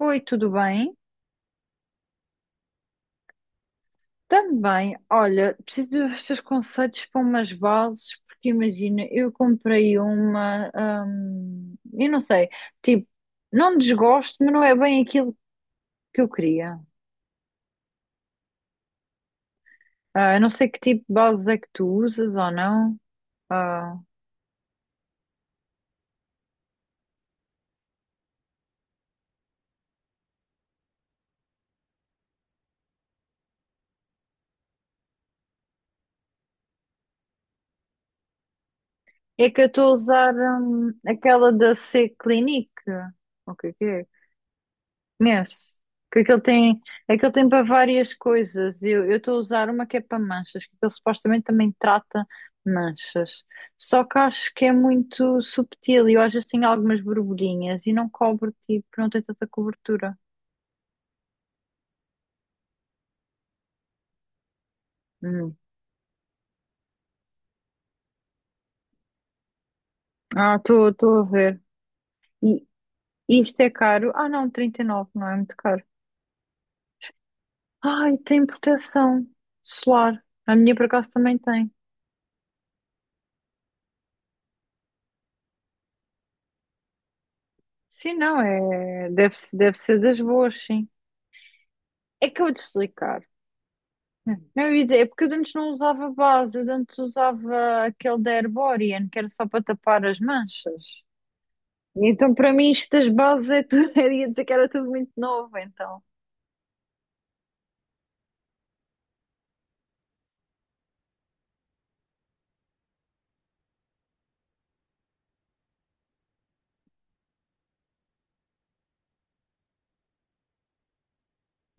Oi, tudo bem? Também, olha, preciso dos teus conselhos para umas bases, porque imagina, eu comprei uma, eu não sei, tipo, não desgosto, mas não é bem aquilo que eu queria. Ah, eu não sei que tipo de bases é que tu usas ou não. Ah, é que eu estou a usar, aquela da C-Clinique. O que é que é? Conhece? Que aquilo tem para várias coisas. Eu estou a usar uma que é para manchas, que aquilo supostamente também trata manchas. Só que acho que é muito subtil e eu às vezes tenho algumas borbulhinhas e não cobre, tipo, não tem tanta cobertura. Hum. Ah, estou a ver. E isto é caro? Ah, não, 39 não é muito caro. Ai, tem proteção solar. A minha por acaso também tem. Sim, não, é, deve, deve ser das boas, sim. É que eu vou te explicar. Hum. Não, eu ia dizer, é porque eu antes não usava base, eu antes usava aquele da Herborian, que era só para tapar as manchas. E então, para mim, isto das bases é tudo, eu ia dizer que era tudo muito novo, então.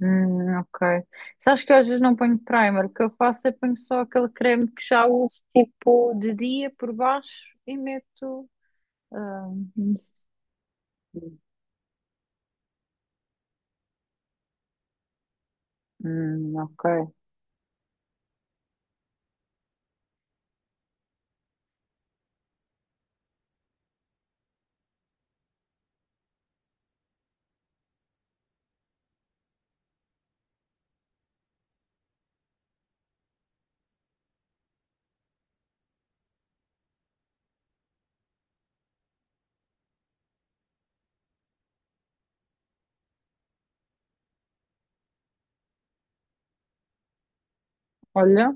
Ok. Sabes que eu às vezes não ponho primer, o que eu faço é ponho só aquele creme que já uso, tipo, de dia por baixo e meto. ah, não sei. Hum, ok. Olha,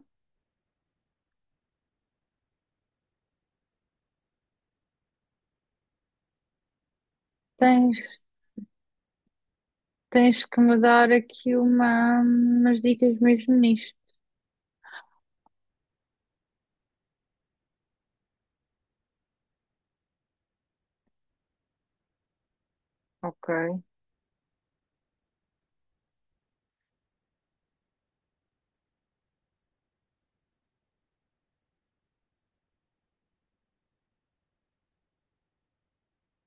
tens, tens que me dar aqui uma, umas dicas mesmo nisto. Ok.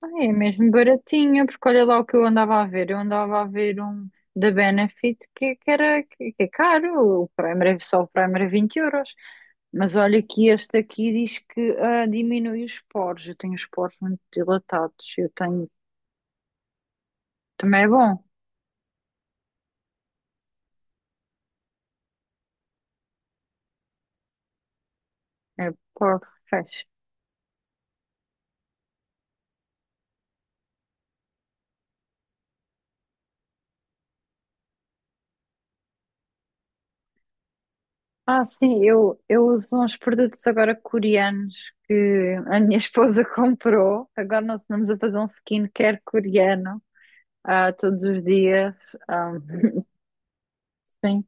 Ah, é mesmo baratinha, porque olha lá o que eu andava a ver. Eu andava a ver um da Benefit que era que é caro, o Prime, era- só o Prime era 20 euros. Mas olha que este aqui diz que ah, diminui os poros. Eu tenho os poros muito dilatados. Eu tenho. Também é bom. É poro fresh. Ah, sim, eu uso uns produtos agora coreanos que a minha esposa comprou. Agora nós andamos a fazer um skincare coreano todos os dias. Ah, sim.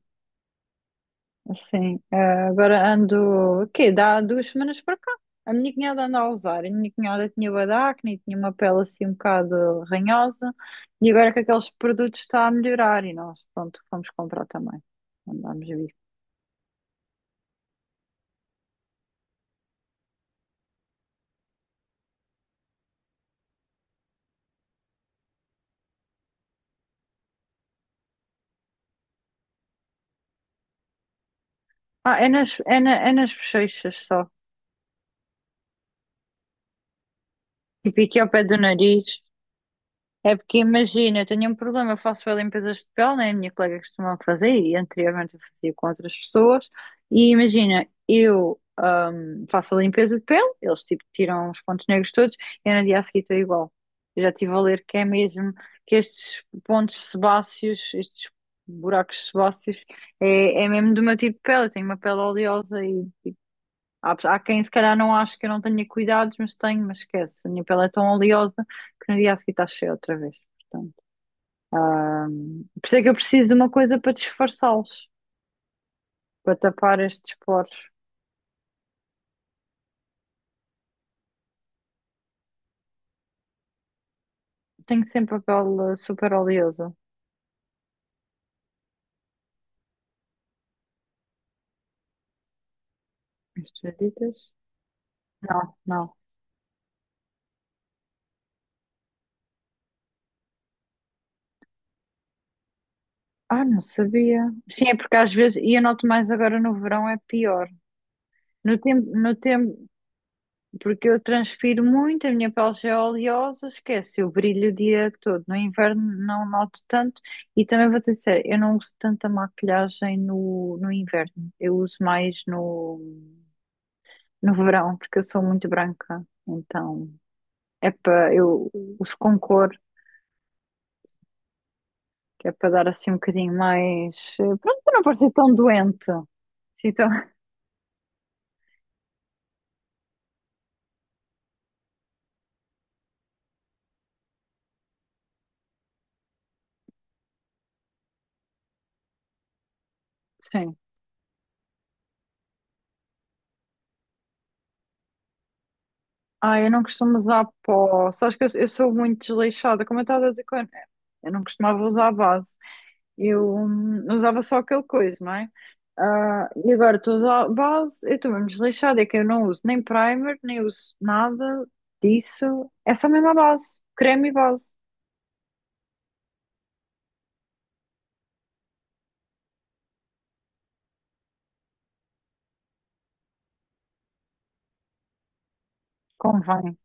Sim, agora ando, o quê? Dá 2 semanas para cá. A minha cunhada anda a usar. A minha cunhada tinha bué de acne e tinha uma pele assim um bocado ranhosa. E agora que aqueles produtos está a melhorar e nós, pronto, fomos comprar também. Andámos a ver. Ah, é nas, é na, é nas bochechas só. Tipo aqui ao pé do nariz. É porque imagina, eu tenho um problema, eu faço limpezas de pele, né? A minha colega costuma fazer e anteriormente eu fazia com outras pessoas. E imagina, eu faço a limpeza de pele, eles tipo tiram os pontos negros todos, e eu no dia a seguir estou igual. Eu já estive a ler que é mesmo que estes pontos sebáceos, estes buracos sebáceos, é, é mesmo do meu tipo de pele. Eu tenho uma pele oleosa e há, pe- há quem se calhar não acha que eu não tenha cuidados, mas tenho, mas esquece. A minha pele é tão oleosa que no dia a seguir está cheia outra vez. Portanto, ah, por isso é que eu preciso de uma coisa para disfarçá-los, para tapar estes poros. Tenho sempre a pele super oleosa. Estas ditas? Não, não. Ah, não sabia. Sim, é porque às vezes, e eu noto mais agora no verão, é pior. No tempo, no tempo, porque eu transpiro muito, a minha pele já é oleosa, esquece, eu brilho o dia todo. No inverno não noto tanto e também vou dizer, sério, eu não uso tanta maquilhagem no, no inverno, eu uso mais no, no verão, porque eu sou muito branca, então é para eu uso com cor, que é para dar assim um bocadinho mais, pronto, para não parecer tão doente. Sim, então, sim. Ah, eu não costumo usar pó. Sabes que eu sou muito desleixada, como eu estava a dizer, com- eu não costumava usar base. Eu usava só aquele coisa, não é? Ah, e agora estou a usar base, eu estou mesmo desleixada, é que eu não uso nem primer, nem uso nada disso. É só mesmo a base, creme e base, convém.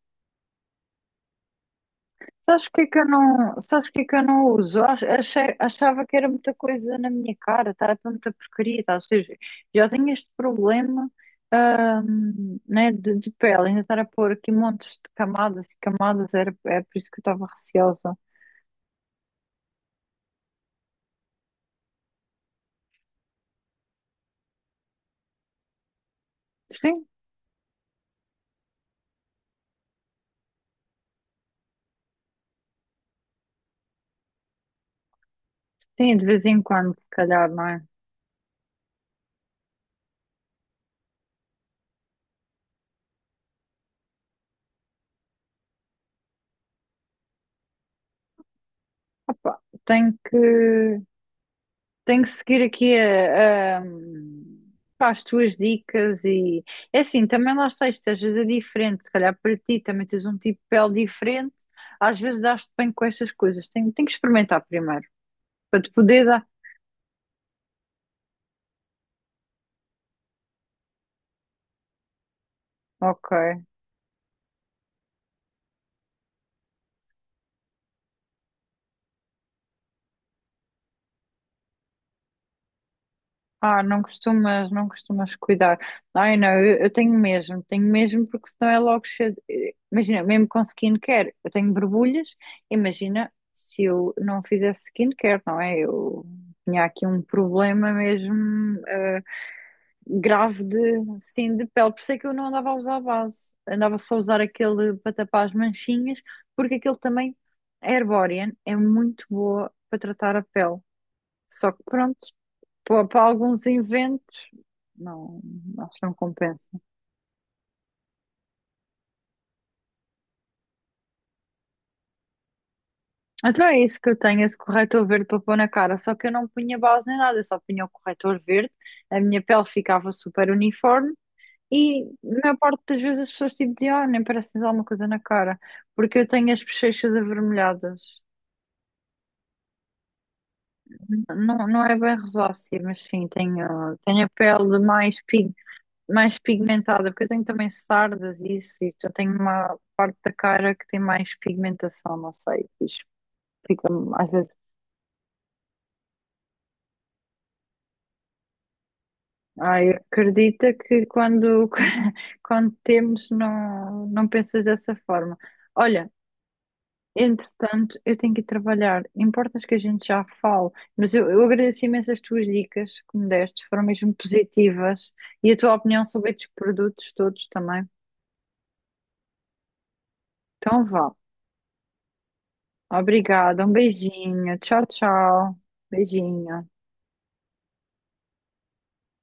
Sabes porque é que eu não, sabes porque é que eu não uso? Ach- achei, achava que era muita coisa na minha cara, estava muita porcaria, tá? Ou seja, já tenho este problema, né, de pele, ainda estar a pôr aqui montes de camadas e camadas, era, é por isso que eu estava receosa. Sim. Sim, de vez em quando, se calhar, não é? Opa, tenho que seguir aqui a- pá, as tuas dicas e é assim, também lá está, isto às vezes é diferente, se calhar para ti também tens um tipo de pele diferente, às vezes dás-te bem com estas coisas, tenho, tenho que experimentar primeiro, para te poder dar. Ok. Ah, não costumas, não costumas cuidar. Ai, não, eu tenho mesmo, porque senão é logo cheio. De- imagina, mesmo com skincare, eu tenho borbulhas. Imagina se eu não fizesse skincare, não é? Eu tinha aqui um problema mesmo eh, grave de, sim, de pele. Por isso é que eu não andava a usar base. Andava só a usar aquele para tapar as manchinhas, porque aquele também, a Herborian, é muito boa para tratar a pele. Só que pronto. Para, para alguns inventos não, acho que não compensa. Então é isso que eu tenho, esse corretor verde para pôr na cara. Só que eu não punha base nem nada, eu só punha o corretor verde, a minha pele ficava super uniforme e na maior parte das vezes as pessoas tipo diziam, ah, nem parece que tens alguma coisa na cara, porque eu tenho as bochechas avermelhadas. Não, não é bem rosácea, mas sim, tenho, tenho a pele mais pigmentada, porque eu tenho também sardas e isso, e eu tenho uma parte da cara que tem mais pigmentação, não sei, fiz- fica às vezes. Ai, acredita que quando, quando temos não, não pensas dessa forma. Olha, entretanto, eu tenho que ir trabalhar. Importas que a gente já fale, mas eu agradeço imenso as tuas dicas que me deste, foram mesmo positivas, e a tua opinião sobre estes produtos todos também. Então vá. Obrigada, um beijinho. Tchau, tchau. Beijinho.